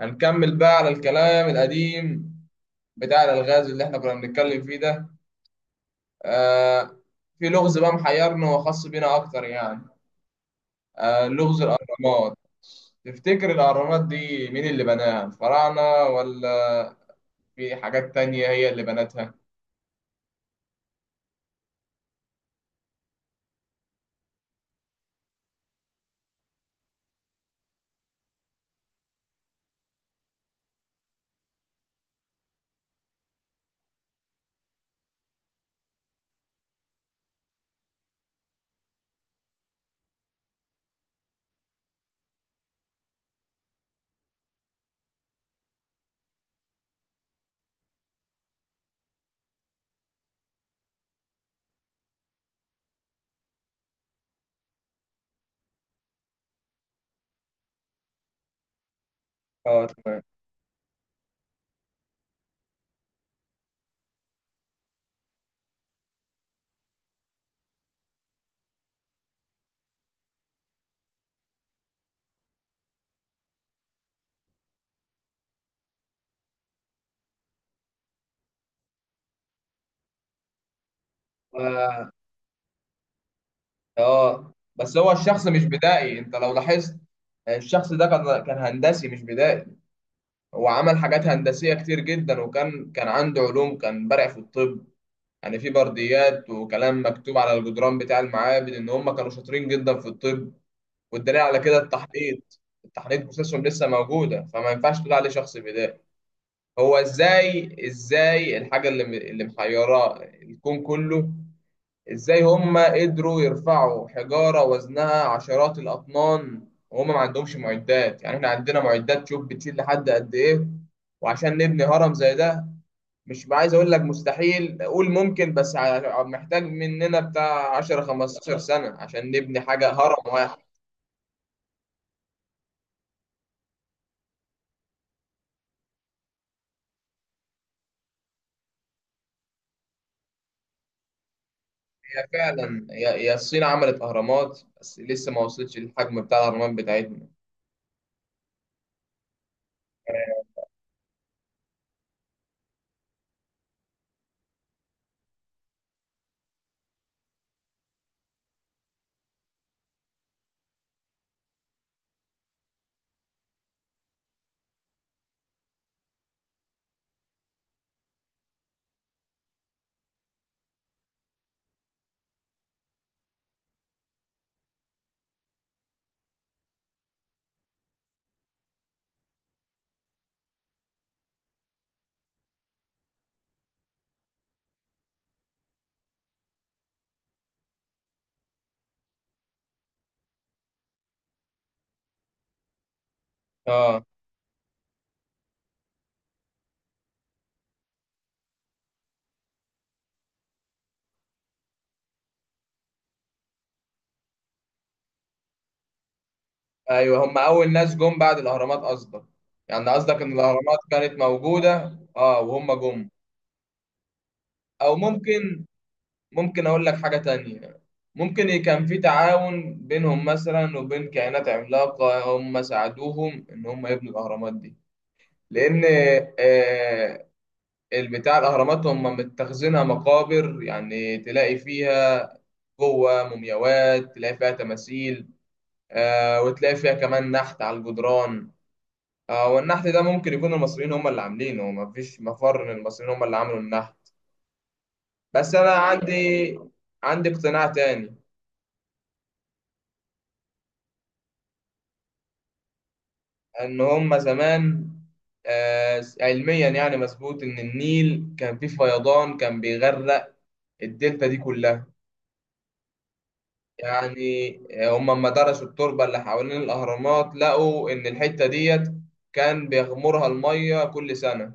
هنكمل بقى على الكلام القديم بتاع الألغاز اللي احنا كنا بنتكلم فيه ده. آه في لغز بقى محيرنا وخاص بينا أكتر، يعني لغز الأهرامات. تفتكر الأهرامات دي مين اللي بناها؟ الفراعنة، ولا في حاجات تانية هي اللي بنتها؟ اه، تمام. آه. آه. بس هو الشخص مش بدائي، انت لو لاحظت الشخص ده كان هندسي مش بدائي. هو عمل حاجات هندسية كتير جدا، وكان عنده علوم، كان بارع في الطب. يعني في برديات وكلام مكتوب على الجدران بتاع المعابد ان هم كانوا شاطرين جدا في الطب، والدليل على كده التحنيط. التحنيط بروسيسهم لسه موجوده، فما ينفعش تقول عليه شخص بدائي. هو ازاي الحاجه اللي محيراه الكون كله؟ ازاي هم قدروا يرفعوا حجاره وزنها عشرات الاطنان وهم ما عندهمش معدات؟ يعني احنا عندنا معدات، شوف بتشيل لحد قد ايه. وعشان نبني هرم زي ده، مش عايز اقول لك مستحيل، قول ممكن، بس محتاج مننا بتاع 10 15 سنة عشان نبني حاجة هرم واحد. هي فعلا، هي الصين عملت اهرامات بس لسه ما وصلتش للحجم بتاع الاهرامات بتاعتنا. اه. ايوه، هم اول ناس جم بعد الاهرامات قصدك؟ يعني قصدك ان الاهرامات كانت موجودة، اه، وهم جم. او ممكن اقول لك حاجة تانية. ممكن كان في تعاون بينهم مثلا وبين كائنات عملاقة هم ساعدوهم ان هم يبنوا الاهرامات دي. لان آه، البتاع الاهرامات هم متخزنها مقابر، يعني تلاقي فيها جوه مومياوات، تلاقي فيها تماثيل، وتلاقي فيها كمان نحت على الجدران. والنحت ده ممكن يكون المصريين هم اللي عاملينه، مفيش مفر ان المصريين هم اللي عملوا النحت. بس انا عندي اقتناع تاني. ان هم زمان علميا يعني مظبوط ان النيل كان فيه فيضان، كان بيغرق الدلتا دي كلها. يعني هم لما درسوا التربة اللي حوالين الأهرامات لقوا إن الحتة ديت كان بيغمرها المية كل سنة،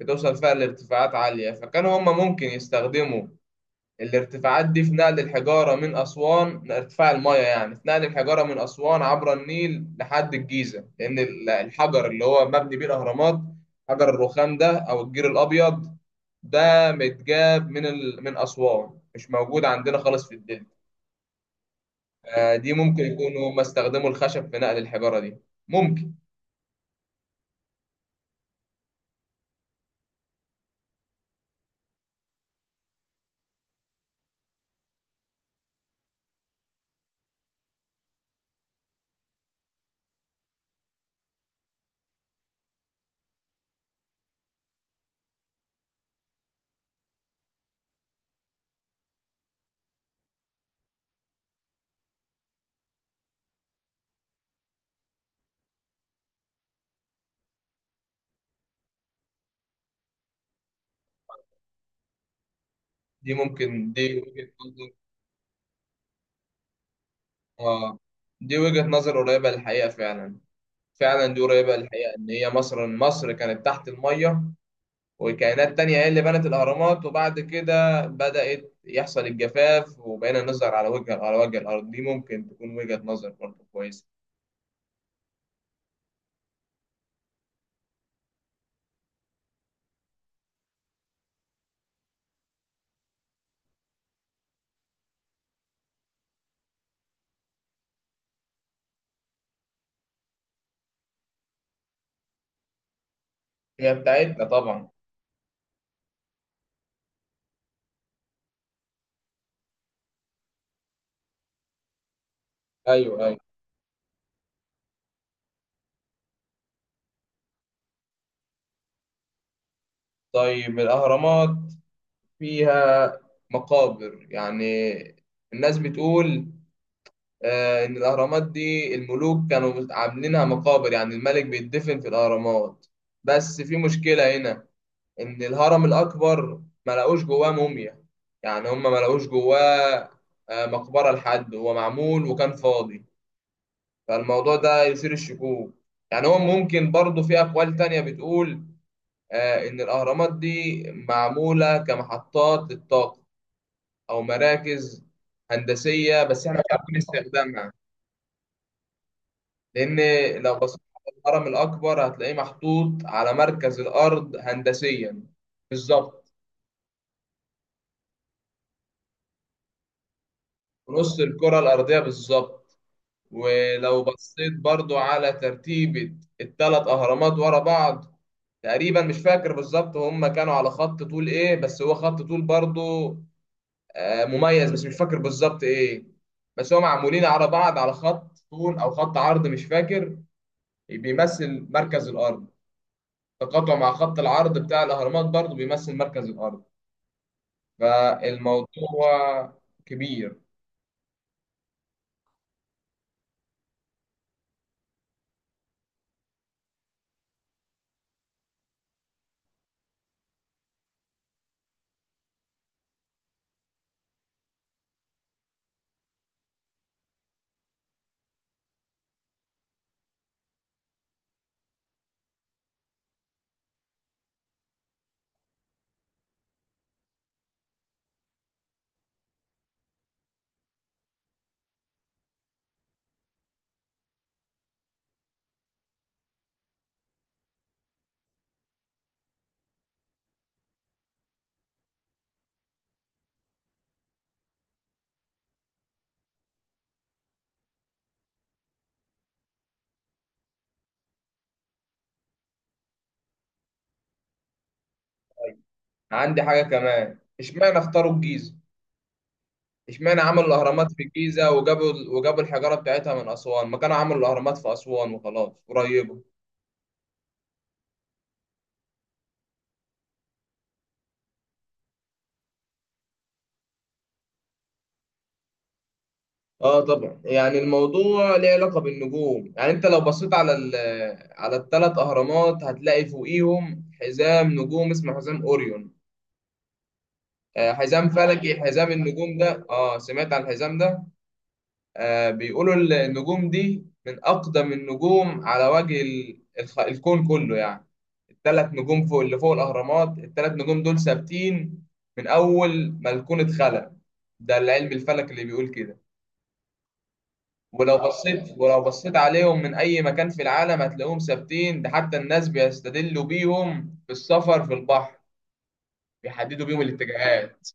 بتوصل فيها لارتفاعات عالية. فكانوا هم ممكن يستخدموا الارتفاعات دي في نقل الحجارة من أسوان، ارتفاع المية، يعني في نقل الحجارة من أسوان عبر النيل لحد الجيزة، لأن الحجر اللي هو مبني بيه الأهرامات، حجر الرخام ده أو الجير الأبيض ده، متجاب من من أسوان، مش موجود عندنا خالص في الدنيا. دي ممكن يكونوا هم استخدموا الخشب في نقل الحجارة دي. ممكن دي ممكن دي وجهة نظر. اه، دي وجهة نظر قريبة للحقيقة فعلا. فعلا، دي قريبة للحقيقة ان هي مصر كانت تحت المية، وكائنات تانية هي اللي بنت الأهرامات، وبعد كده بدأت يحصل الجفاف وبقينا نظهر على وجه الأرض. دي ممكن تكون وجهة نظر برضه كويسة. هي بتاعتنا طبعا. أيوه، أيوه. طيب الأهرامات فيها مقابر، يعني الناس بتقول إن الأهرامات دي الملوك كانوا عاملينها مقابر، يعني الملك بيتدفن في الأهرامات. بس في مشكلة هنا، إن الهرم الأكبر ما لقوش جواه موميا. يعني هم ما لقوش جواه مقبرة. لحد هو معمول وكان فاضي. فالموضوع ده يثير الشكوك. يعني هو ممكن برضه في أقوال تانية بتقول إن الأهرامات دي معمولة كمحطات للطاقة، أو مراكز هندسية بس إحنا مش عارفين استخدامها. لأن لو بصيت على الهرم الأكبر هتلاقيه محطوط على مركز الأرض هندسيا بالظبط، في نص الكرة الأرضية بالظبط. ولو بصيت برضو على ترتيبة الثلاث أهرامات ورا بعض، تقريبا مش فاكر بالظبط هم كانوا على خط طول إيه، بس هو خط طول برضو مميز، بس مش فاكر بالظبط إيه. بس هم معمولين على بعض على خط طول أو خط عرض مش فاكر، بيمثل مركز الأرض. تقاطع مع خط العرض بتاع الأهرامات برضو بيمثل مركز الأرض. فالموضوع كبير. عندي حاجة كمان، اشمعنى اختاروا الجيزة؟ اشمعنى عملوا الأهرامات في الجيزة وجابوا الحجارة بتاعتها من أسوان، ما كانوا عملوا الأهرامات في أسوان وخلاص، قريبة. اه طبعا، يعني الموضوع ليه علاقة بالنجوم، يعني انت لو بصيت على على الثلاث أهرامات هتلاقي فوقيهم حزام نجوم اسمه حزام أوريون. حزام فلكي، حزام النجوم ده. اه، سمعت عن الحزام ده. بيقولوا النجوم دي من أقدم النجوم على وجه الكون كله، يعني الثلاث نجوم فوق، اللي فوق الأهرامات، الثلاث نجوم دول ثابتين من أول ما الكون اتخلق. ده العلم الفلك اللي بيقول كده. ولو بصيت عليهم من أي مكان في العالم هتلاقيهم ثابتين، ده حتى الناس بيستدلوا بيهم في السفر في البحر، بيحددوا بيهم الاتجاهات.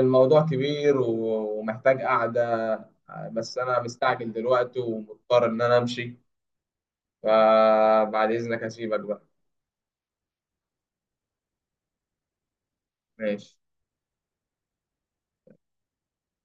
الموضوع كبير ومحتاج قعدة، بس أنا مستعجل دلوقتي ومضطر إن أنا أمشي، فبعد إذنك هسيبك بقى. ماشي.